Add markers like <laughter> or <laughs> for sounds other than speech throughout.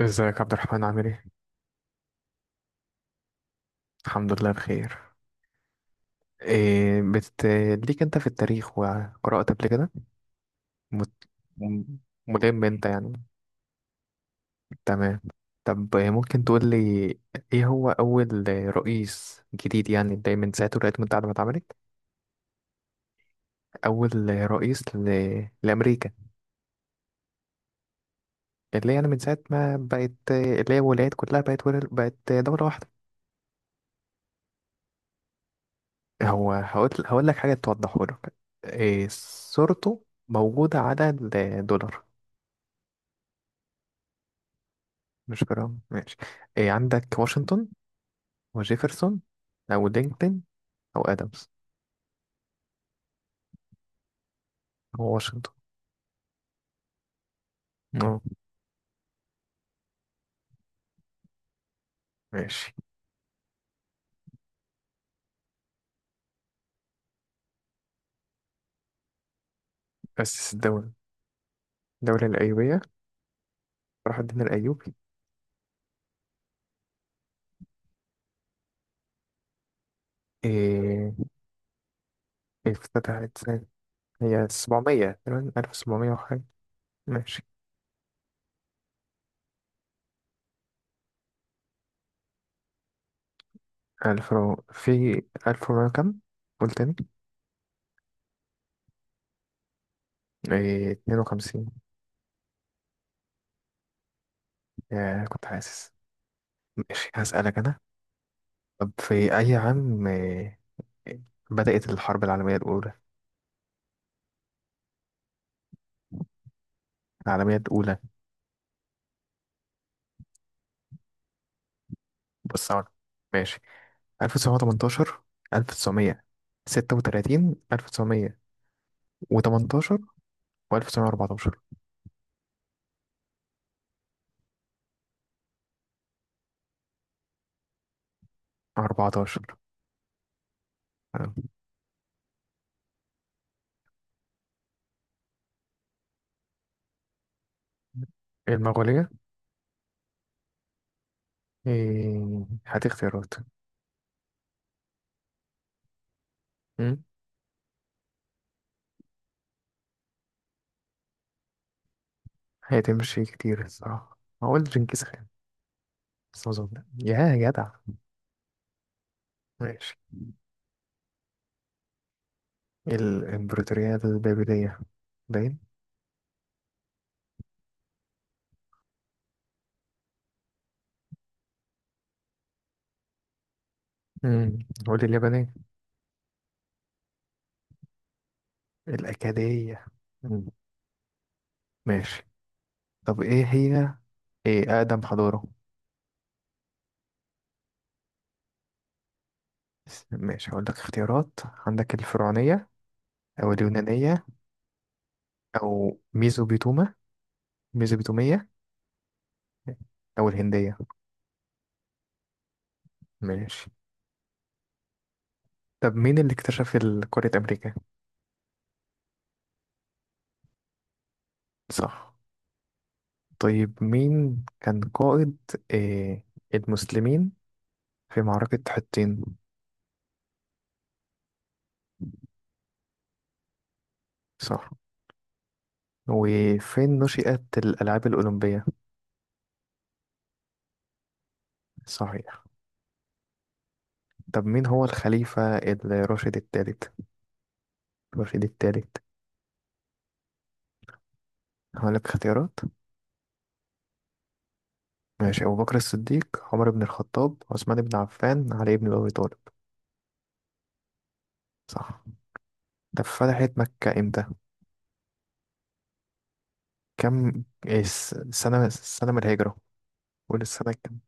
ازيك عبد الرحمن عامل ايه؟ الحمد لله بخير. إيه بت... ليك انت في التاريخ وقرأت قبل كده؟ مت... م- ملم انت يعني. تمام. طب ممكن تقول لي، ايه هو أول رئيس جديد يعني ده من ساعة الولايات المتحدة ما اتعملت؟ أول رئيس لأمريكا، اللي يعني من ساعة ما بقت، اللي هي الولايات كلها بقت بقت دولة واحدة. هو هقول لك حاجة توضحه لك. إيه، صورته موجودة على الدولار، مش جرام. ماشي، إيه عندك؟ واشنطن وجيفرسون أو دينكتن أو آدمز؟ هو واشنطن. اه، ماشي. أسس الدولة الأيوبية. صلاح الدين الأيوبي. إيه، افتتحت سنة. هي سبعمية تقريبا، ألف سبعمية وحاجة. ماشي. في ألف ومية كام؟ قول تاني. إيه، اتنين وخمسين. يا، كنت حاسس. ماشي، هسألك أنا. طب في أي عام بدأت الحرب العالمية الأولى؟ العالمية الأولى بص أهو. ماشي. 1918، 1936، 1918 و1914. 14. آه. المغولية. إيه، هات اختيارات. مم. هتمشي كتير الصراحة، هقول جنكيز خان بس ما أظن. يا جدع، ماشي. الإمبراطورية البابلية، باين. مم. قول لي اليابانية. الأكادية. مم. ماشي. طب إيه أقدم حضارة؟ ماشي، هقول لك اختيارات. عندك الفرعونية أو اليونانية او ميزوبيتومية او الهندية. ماشي. طب مين اللي اكتشف قارة امريكا؟ صح. طيب مين كان قائد آه المسلمين في معركة حطين؟ صح. وفين نشأت الألعاب الأولمبية؟ صحيح. طب مين هو الخليفة الراشد الثالث؟ الراشد الثالث هقولك اختيارات. ماشي. أبو بكر الصديق، عمر بن الخطاب، عثمان بن عفان، علي بن أبي طالب. صح. طب فتحت مكة إمتى؟ كم؟ إيه السنة من الهجرة. قول السنة كام.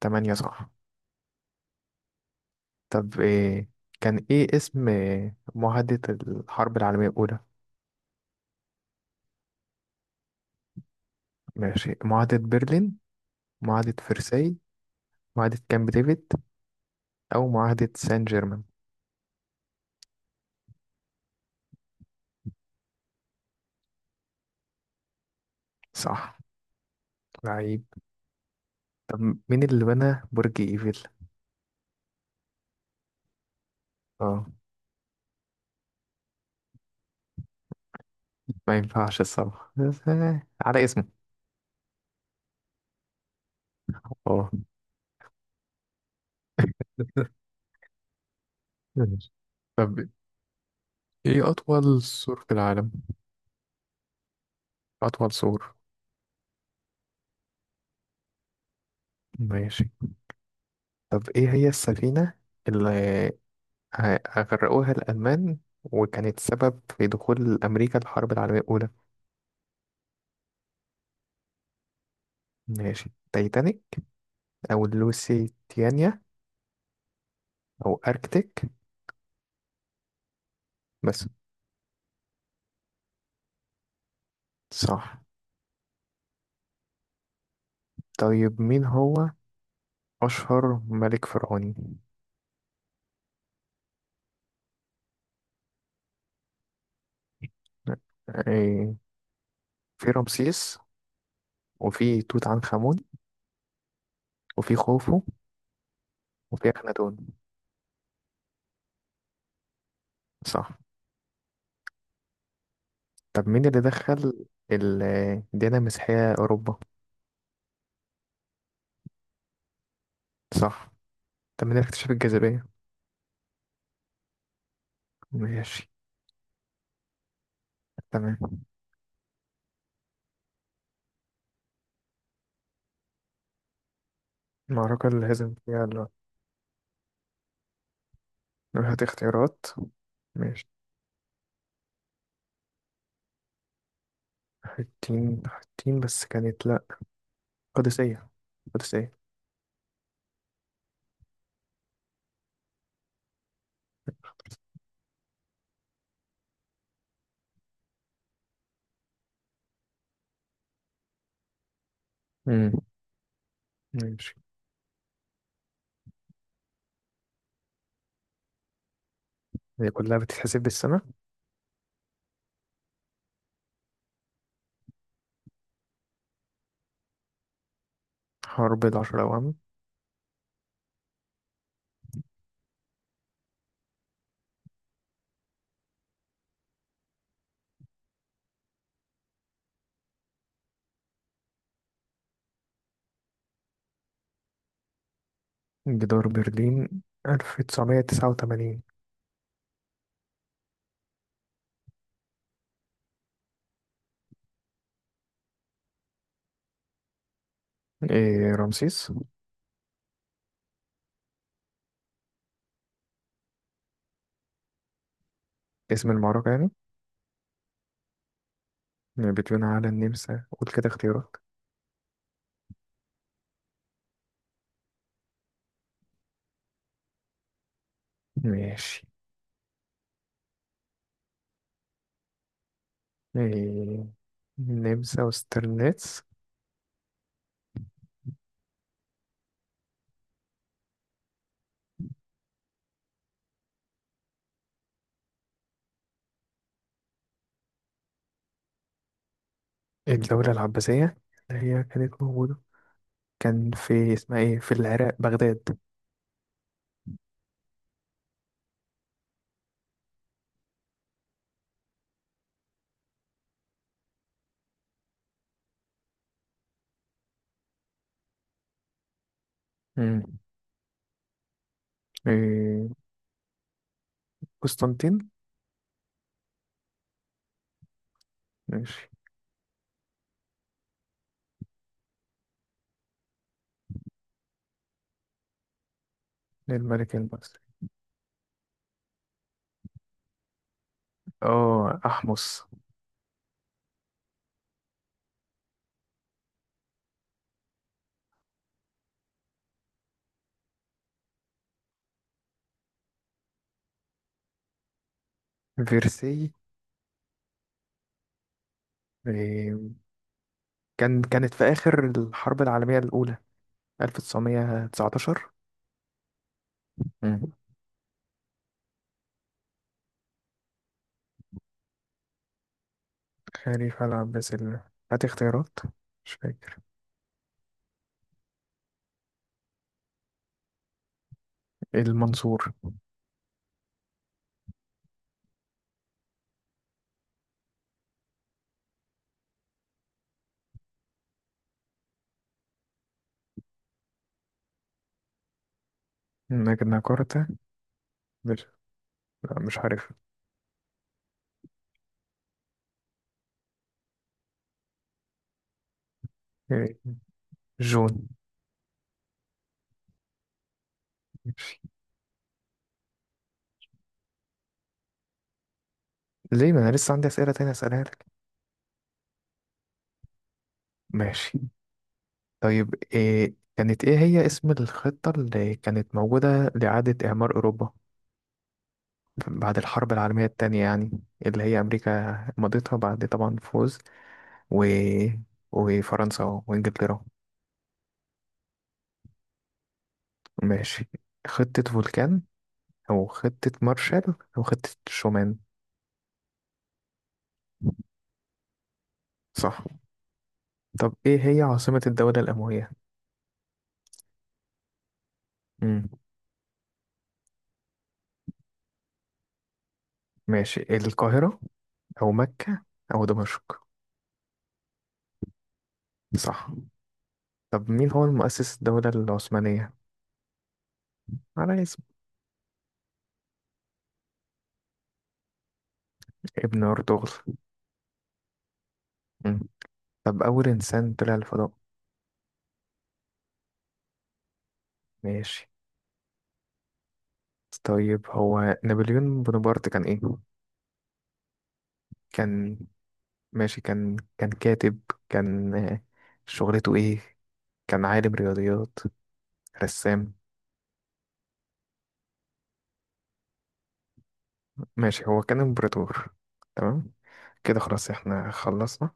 تمانية، صح. طب إيه كان اسم معاهدة الحرب العالمية الأولى؟ ماشي. معاهدة برلين، معاهدة فرساي، معاهدة كامب ديفيد أو معاهدة سان جيرمان. صح، لعيب. طب مين اللي بنى برج إيفل؟ اه، ما ينفعش الصراحة. <laughs> بس على اسمه. اه. <laughs> ماشي. طب ايه أطول سور في العالم؟ أطول سور، ماشي. طب ايه هي السفينة اللي أغرقوها الألمان، وكانت سبب في دخول أمريكا الحرب العالمية الأولى؟ ماشي. تايتانيك أو لوسيتانيا أو أركتيك بس. صح. طيب مين هو أشهر ملك فرعوني؟ إيه، في رمسيس وفي توت عنخ آمون وفي خوفو وفي أخناتون. صح. طب مين اللي دخل ال- الديانة المسيحية أوروبا؟ صح. طب مين اللي اكتشف الجاذبية؟ ماشي، تمام. المعركة اللي هزم فيها. هات اختيارات. ماشي. حتين، حتين بس كانت لأ. قادسية، قادسية. امم ماشي. هي كلها بتتحسب بالسنة. حرب العشرة أوام. جدار برلين 1989. إيه، رمسيس. اسم المعركة يعني. بتبنى على النمسا، قول كده اختيارات. ماشي، إيه النمسا، وسترليتس. الدولة العباسية، اللي هي كانت موجودة، كان في اسمها ايه، في العراق، بغداد. امم إيه، قسطنطين. ماشي. للملك المصري. اه، أحمس. فيرسي. إيه، كانت في آخر الحرب العالمية الأولى، 1919. مم. خليفة العباس هات اختيارات، مش فاكر. المنصور. نجناكرتا. مش لا، مش عارف. إيه، جون. ماشي. ليه؟ ما أنا لسه عندي أسئلة تانية أسألها لك. ماشي. طيب إيه هي اسم الخطة اللي كانت موجودة لإعادة إعمار أوروبا بعد الحرب العالمية التانية، يعني اللي هي أمريكا مضيتها بعد طبعا فوز، و... وفرنسا وإنجلترا. ماشي. خطة فولكان أو خطة مارشال أو خطة شومان. صح. طب إيه هي عاصمة الدولة الأموية؟ مم. ماشي. القاهرة أو مكة أو دمشق. صح. طب مين هو المؤسس الدولة العثمانية؟ على اسم. ابن أرطغرل. مم. طب أول إنسان طلع الفضاء. ماشي. طيب هو نابليون بونابرت كان ايه؟ كان. ماشي، كان كاتب، كان شغلته ايه؟ كان عالم رياضيات، رسام. ماشي، هو كان امبراطور. تمام. كده خلاص احنا خلصنا.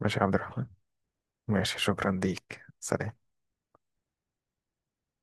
ماشي يا عبد الرحمن. ماشي، شكرا ليك، سلام.